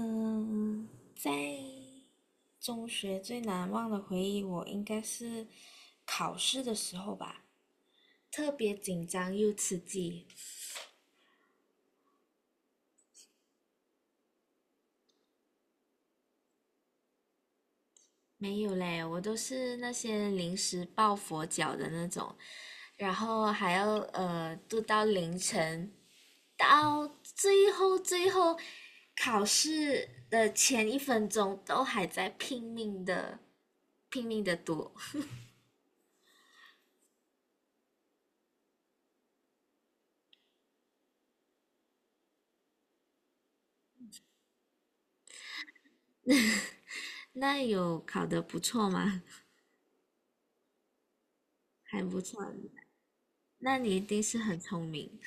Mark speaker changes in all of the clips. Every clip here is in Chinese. Speaker 1: 嗯，在中学最难忘的回忆，我应该是考试的时候吧，特别紧张又刺激。没有嘞，我都是那些临时抱佛脚的那种，然后还要读到凌晨，到最后考试的前一分钟都还在拼命的拼命的读。那有考得不错吗？还不错。那你一定是很聪明。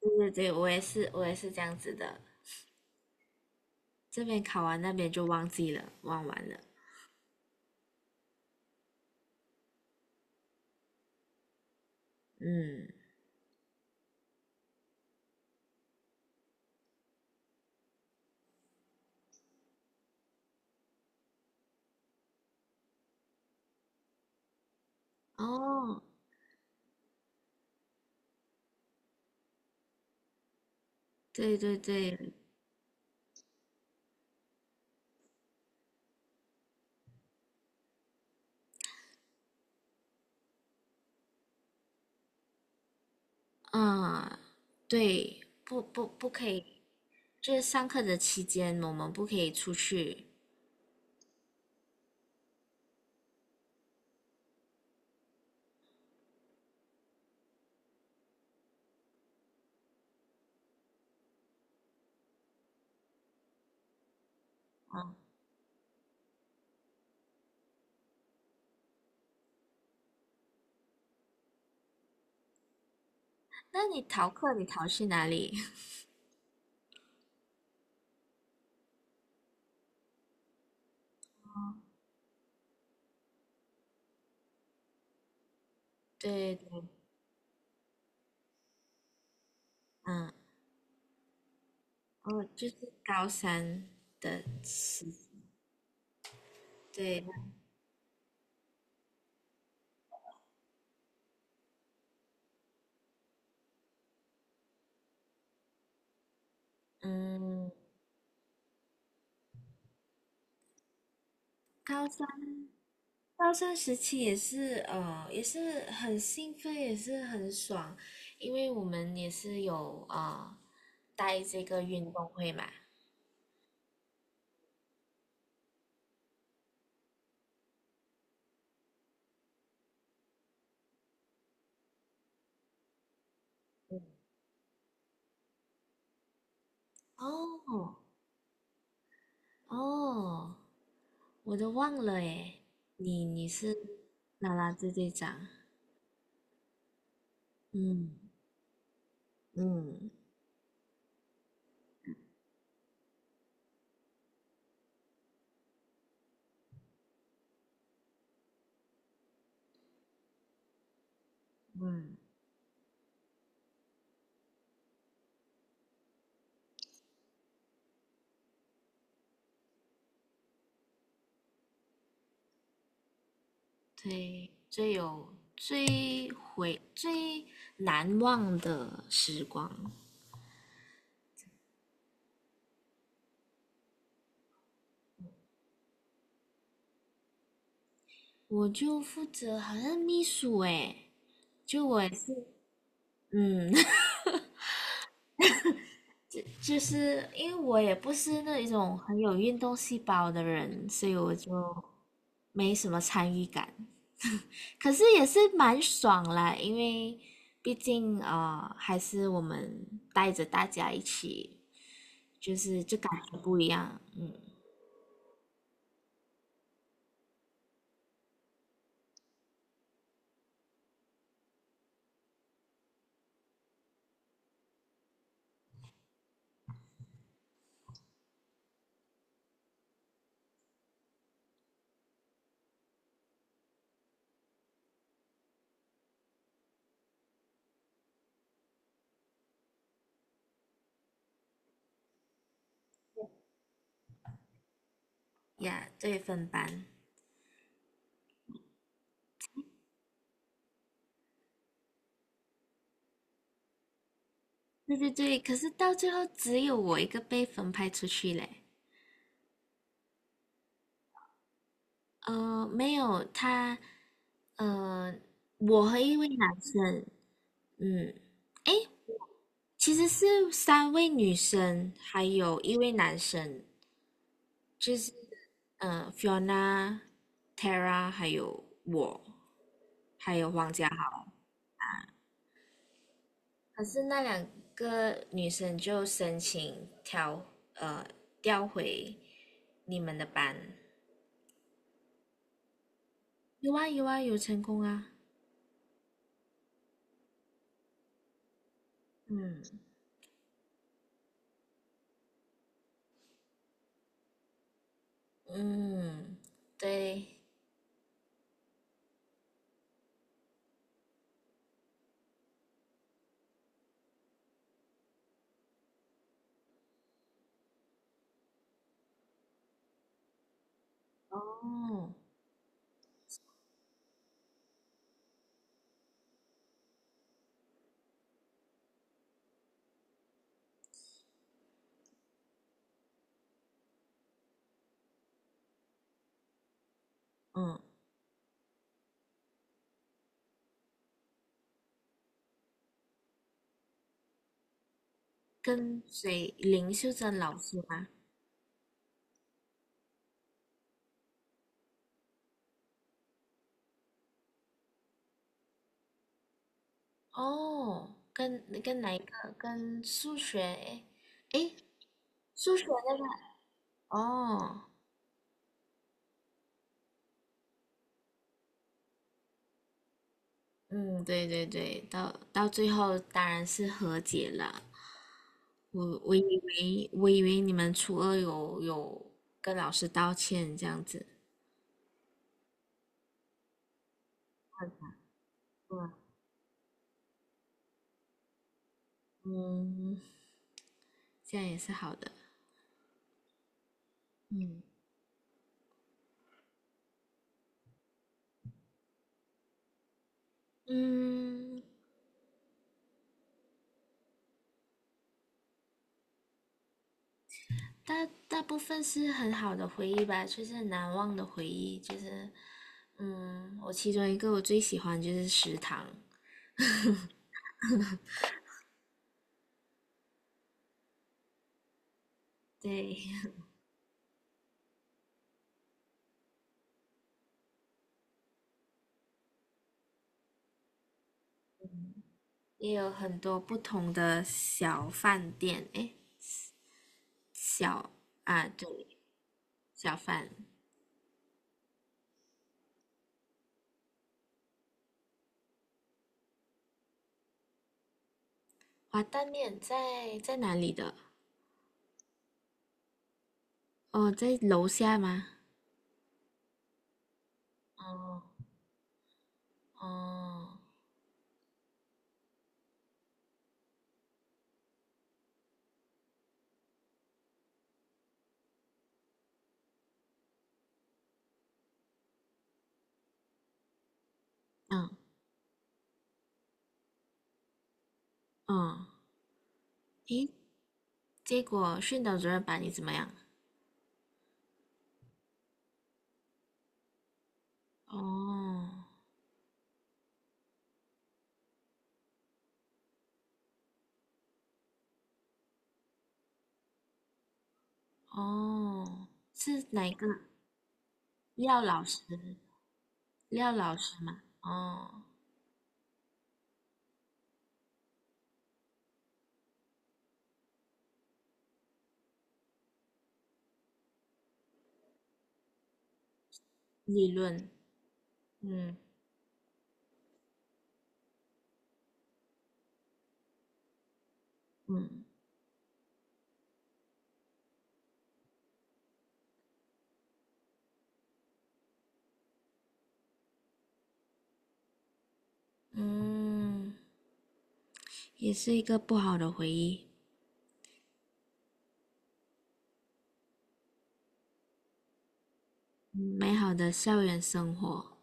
Speaker 1: 对对对，我也是，我也是这样子的。这边考完，那边就忘记了，忘完了。嗯，哦，对对对，嗯，对，不不不可以，就是上课的期间我们不可以出去。嗯，那你逃课，你逃去哪里？对对，嗯，哦，就是高三的时，对，嗯，高三高三时期也是，也是很兴奋，也是很爽，因为我们也是有啊、带这个运动会嘛。哦哦，我都忘了诶，你是啦啦队队长，嗯嗯嗯，对，最有最回最难忘的时光，我就负责好像秘书诶，就我也是，嗯，就是因为我也不是那一种很有运动细胞的人，所以我就没什么参与感。可是也是蛮爽啦，因为毕竟啊、还是我们带着大家一起，就是就感觉不一样。嗯，呀，对，分班，对对对。可是到最后只有我一个被分派出去嘞。没有他，呃，我和一位男生，嗯，诶，其实是三位女生，还有一位男生，就是Fiona、Tara 还有我，还有黄家豪。可是那两个女生就申请调呃回你们的班，有啊有啊有成功啊，嗯嗯对哦嗯，林秀珍老师吗？哦，跟哪一个？跟数学？哎哎，数学那个？哦，嗯，对对对，到最后当然是和解了。我以为你们初二有跟老师道歉这样子。嗯，这样也是好的。嗯嗯，大部分是很好的回忆吧，就是很难忘的回忆。就是，嗯，我其中一个我最喜欢就是食堂，对，也有很多不同的小饭店，诶，小啊，对，小饭滑蛋面在哪里的？哦，在楼下吗？哦哦，嗯嗯，诶，结果训导主任把你怎么样？哦哦，是哪个廖老师？廖老师吗？哦，理论，嗯嗯嗯，也是一个不好的回忆。美好的校园生活，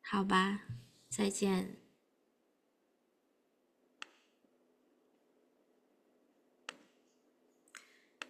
Speaker 1: 好吧，再见。